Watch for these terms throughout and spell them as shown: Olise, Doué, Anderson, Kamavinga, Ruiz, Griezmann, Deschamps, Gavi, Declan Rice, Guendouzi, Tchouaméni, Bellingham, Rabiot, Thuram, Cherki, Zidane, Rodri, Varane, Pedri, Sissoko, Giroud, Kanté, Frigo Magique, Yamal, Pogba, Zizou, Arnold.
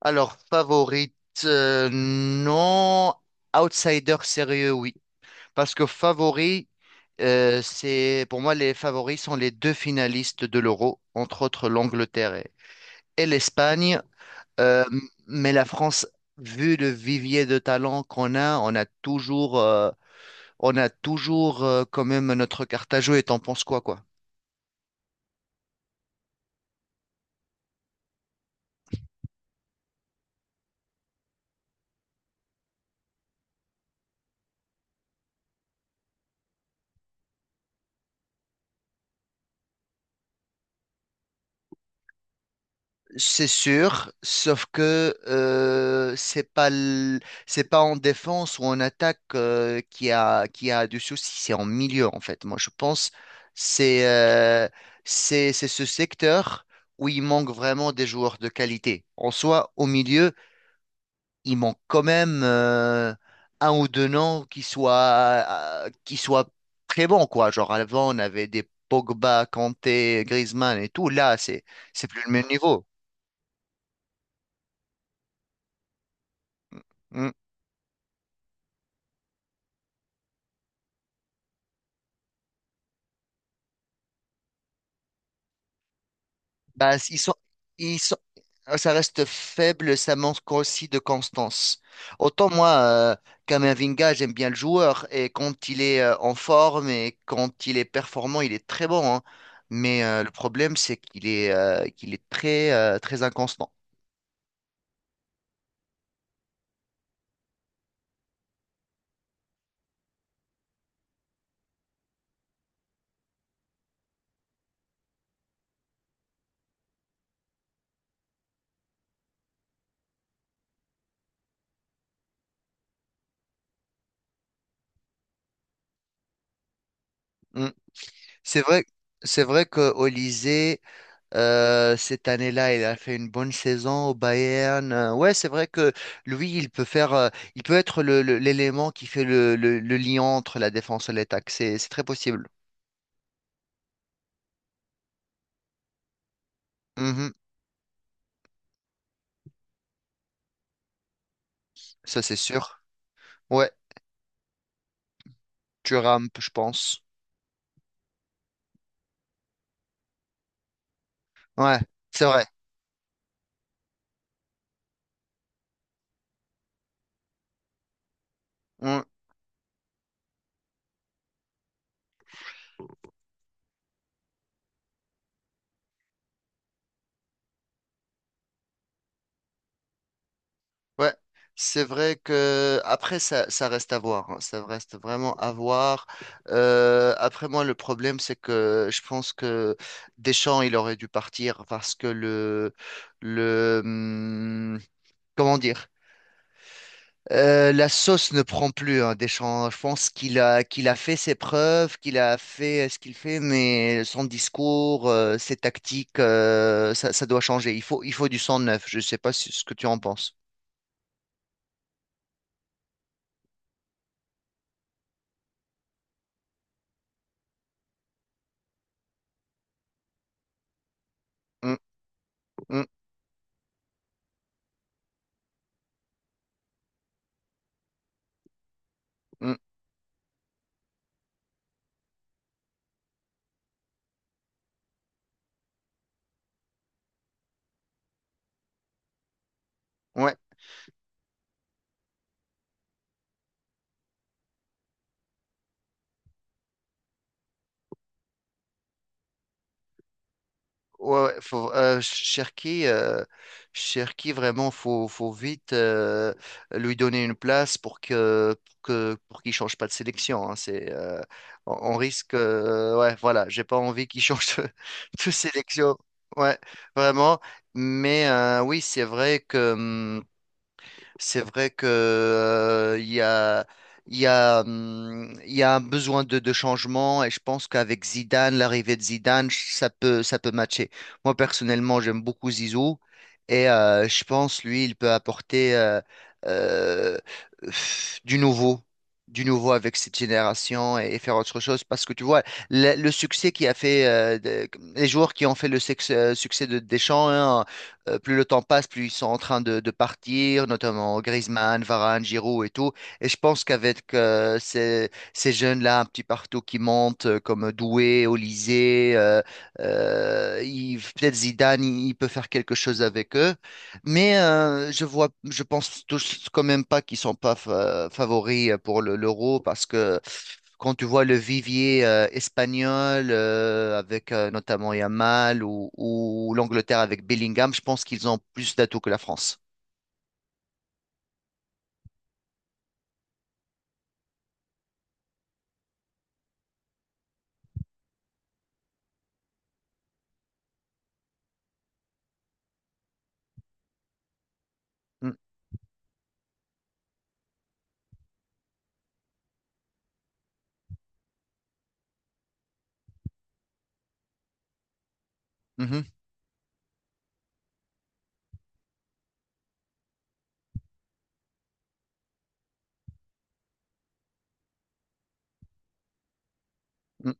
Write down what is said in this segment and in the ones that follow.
Alors, favorite, non. Outsider sérieux, oui. Parce que favori, c'est, pour moi, les favoris sont les deux finalistes de l'Euro, entre autres l'Angleterre et l'Espagne. Euh, m- mais la France, vu le vivier de talent qu'on a, on a toujours quand même notre carte à jouer. Et t'en penses quoi, quoi? C'est sûr, sauf que c'est pas en défense ou en attaque, qui a du souci, c'est en milieu en fait. Moi, je pense c'est euh, c'est ce secteur où il manque vraiment des joueurs de qualité. En soi, au milieu, il manque quand même, un ou deux noms qui soient très bons quoi. Genre avant, on avait des Pogba, Kanté, Griezmann et tout. Là, c'est plus le même niveau. Hmm. Bah, ils sont, ça reste faible, ça manque aussi de constance. Autant moi, Kamavinga, j'aime bien le joueur et quand il est en forme et quand il est performant, il est très bon, hein. Mais le problème, c'est qu'il est très, très inconstant. Mm. C'est vrai, c'est vrai que Olise. Cette année-là, il a fait une bonne saison au Bayern. Ouais, c'est vrai que lui, il peut être l'élément qui fait le lien entre la défense et l'attaque. C'est très possible. Mhm. Ça, c'est sûr. Ouais, Thuram, je pense. Ouais, c'est vrai. Mmh. Ouais, c'est vrai que après ça, ça reste à voir, hein. Ça reste vraiment à voir. Après moi, le problème c'est que je pense que Deschamps il aurait dû partir parce que le comment dire, la sauce ne prend plus. Hein, Deschamps, je pense qu'il a fait ses preuves, qu'il a fait, ce qu'il fait, mais son discours, ses tactiques, ça doit changer. Il faut du sang neuf. Je ne sais pas ce que tu en penses. Hum, hum, hum. Ouais. Ouais, ouais, faut, Cherki, vraiment, faut vite lui donner une place pour qu'il change pas de sélection, hein. On risque, ouais, voilà, j'ai pas envie qu'il change de sélection. Ouais, vraiment. Mais oui, c'est vrai que, il y a un besoin de changement et je pense qu'avec Zidane, l'arrivée de Zidane, ça peut matcher. Moi, personnellement, j'aime beaucoup Zizou et je pense, lui, il peut apporter euh, du nouveau. Du nouveau avec cette génération et, faire autre chose parce que tu vois le succès qui a fait les joueurs qui ont fait succès de Deschamps, hein, plus le temps passe, plus ils sont en train de partir, notamment Griezmann, Varane, Giroud et tout. Et je pense qu'avec ces jeunes-là un petit partout qui montent, comme Doué, Olysée, peut-être Zidane, il peut faire quelque chose avec eux. Mais je vois, je pense tous quand même pas qu'ils sont pas favoris, pour l'Euro parce que quand tu vois le vivier espagnol avec notamment Yamal ou l'Angleterre avec Bellingham, je pense qu'ils ont plus d'atouts que la France. Mm, mhm, mm,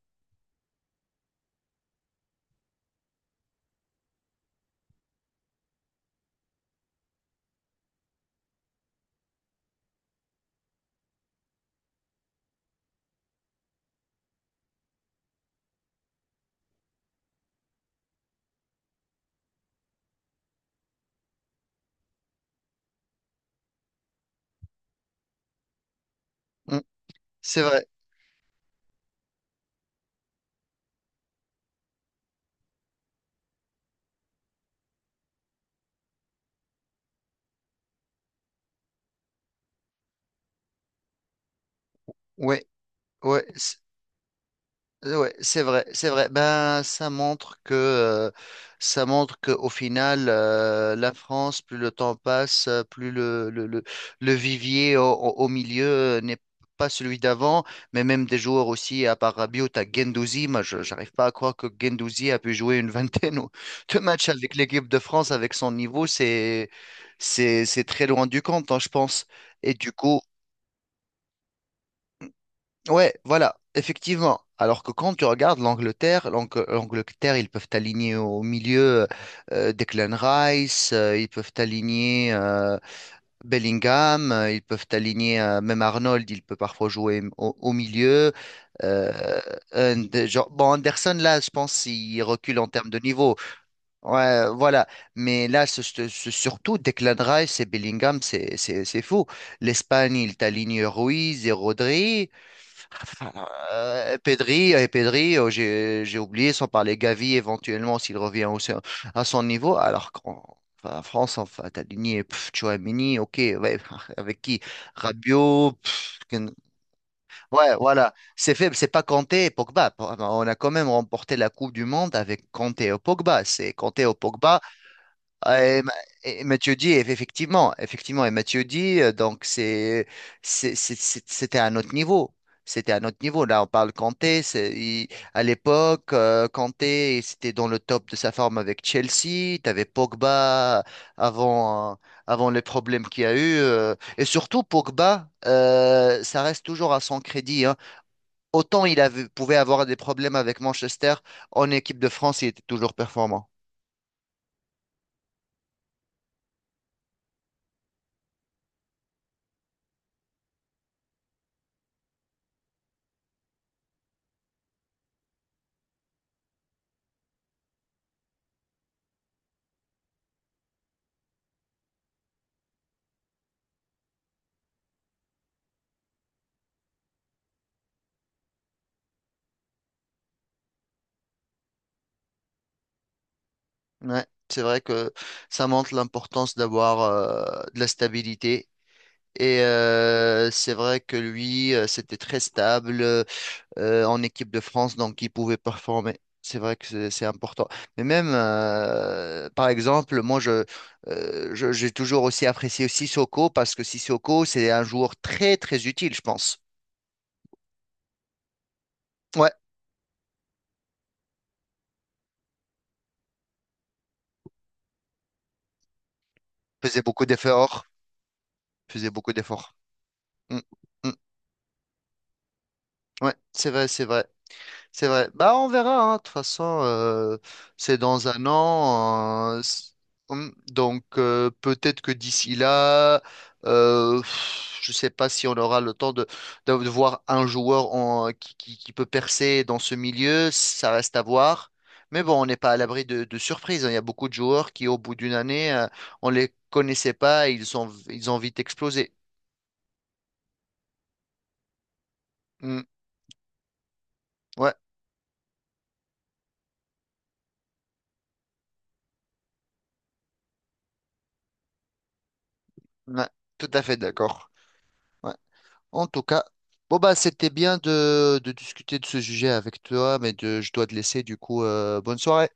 mm. C'est vrai. Ouais, ouais. Ouais, c'est vrai, c'est vrai. Ben, ça montre que au final, la France, plus le temps passe, plus le vivier au milieu, n'est pas celui d'avant, mais même des joueurs aussi, à part Rabiot, t'as Guendouzi. Moi, je j'arrive pas à croire que Guendouzi a pu jouer une vingtaine de matchs avec l'équipe de France avec son niveau. C'est très loin du compte, hein, je pense. Et du coup. Ouais, voilà, effectivement. Alors que quand tu regardes l'Angleterre, ils peuvent t'aligner au milieu, Declan Rice, ils peuvent t'aligner Bellingham, ils peuvent t'aligner même Arnold, il peut parfois jouer au milieu. Euh, genre, bon, Anderson, là, je pense il recule en termes de niveau. Ouais, voilà. Mais là, surtout Declan Rice et Bellingham, c'est fou. L'Espagne, ils t'alignent Ruiz et Rodri. Pedri, j'ai oublié, sans parler Gavi éventuellement s'il revient aussi à son niveau, alors qu'en enfin, en France, enfin, t'as Ligné, pff, Tchouaméni, ok, ouais, avec qui? Rabiot, pff, ouais, voilà, c'est faible, c'est pas Kanté et Pogba. Bon, on a quand même remporté la Coupe du Monde avec Kanté et Pogba. C'est Kanté et Pogba, ah, effectivement, donc c'était un autre niveau. C'était un autre niveau. Là, on parle Kanté. C'est- il- à l'époque, Kanté, c'était dans le top de sa forme avec Chelsea. Tu avais Pogba avant, euh, avant les problèmes qu'il y a eu. Et surtout, Pogba, ça reste toujours à son crédit, hein. Autant pouvait avoir des problèmes avec Manchester, en équipe de France, il était toujours performant. Ouais, c'est vrai que ça montre l'importance d'avoir de la stabilité. Et c'est vrai que lui, c'était très stable, en équipe de France, donc il pouvait performer. C'est vrai que c'est important. Mais même, par exemple, moi, j'ai toujours aussi apprécié Sissoko parce que Sissoko, c'est un joueur très, très utile, je pense. Ouais, faisait beaucoup d'efforts. Faisait beaucoup d'efforts. Mm, mm. Ouais, c'est vrai, c'est vrai. C'est vrai. Bah, on verra, hein. De toute façon, c'est dans un an. Donc, peut-être que d'ici là, pff, je sais pas si on aura le temps de voir un joueur qui, qui peut percer dans ce milieu. Ça reste à voir. Mais bon, on n'est pas à l'abri de surprises, hein. Il y a beaucoup de joueurs qui, au bout d'une année, on les connaissait pas et ils ont vite explosé. Hum, Ouais, ouais, tout à fait d'accord. Ouais. En tout cas, bon bah c'était bien de discuter de ce sujet avec toi, mais je dois te laisser du coup. Bonne soirée.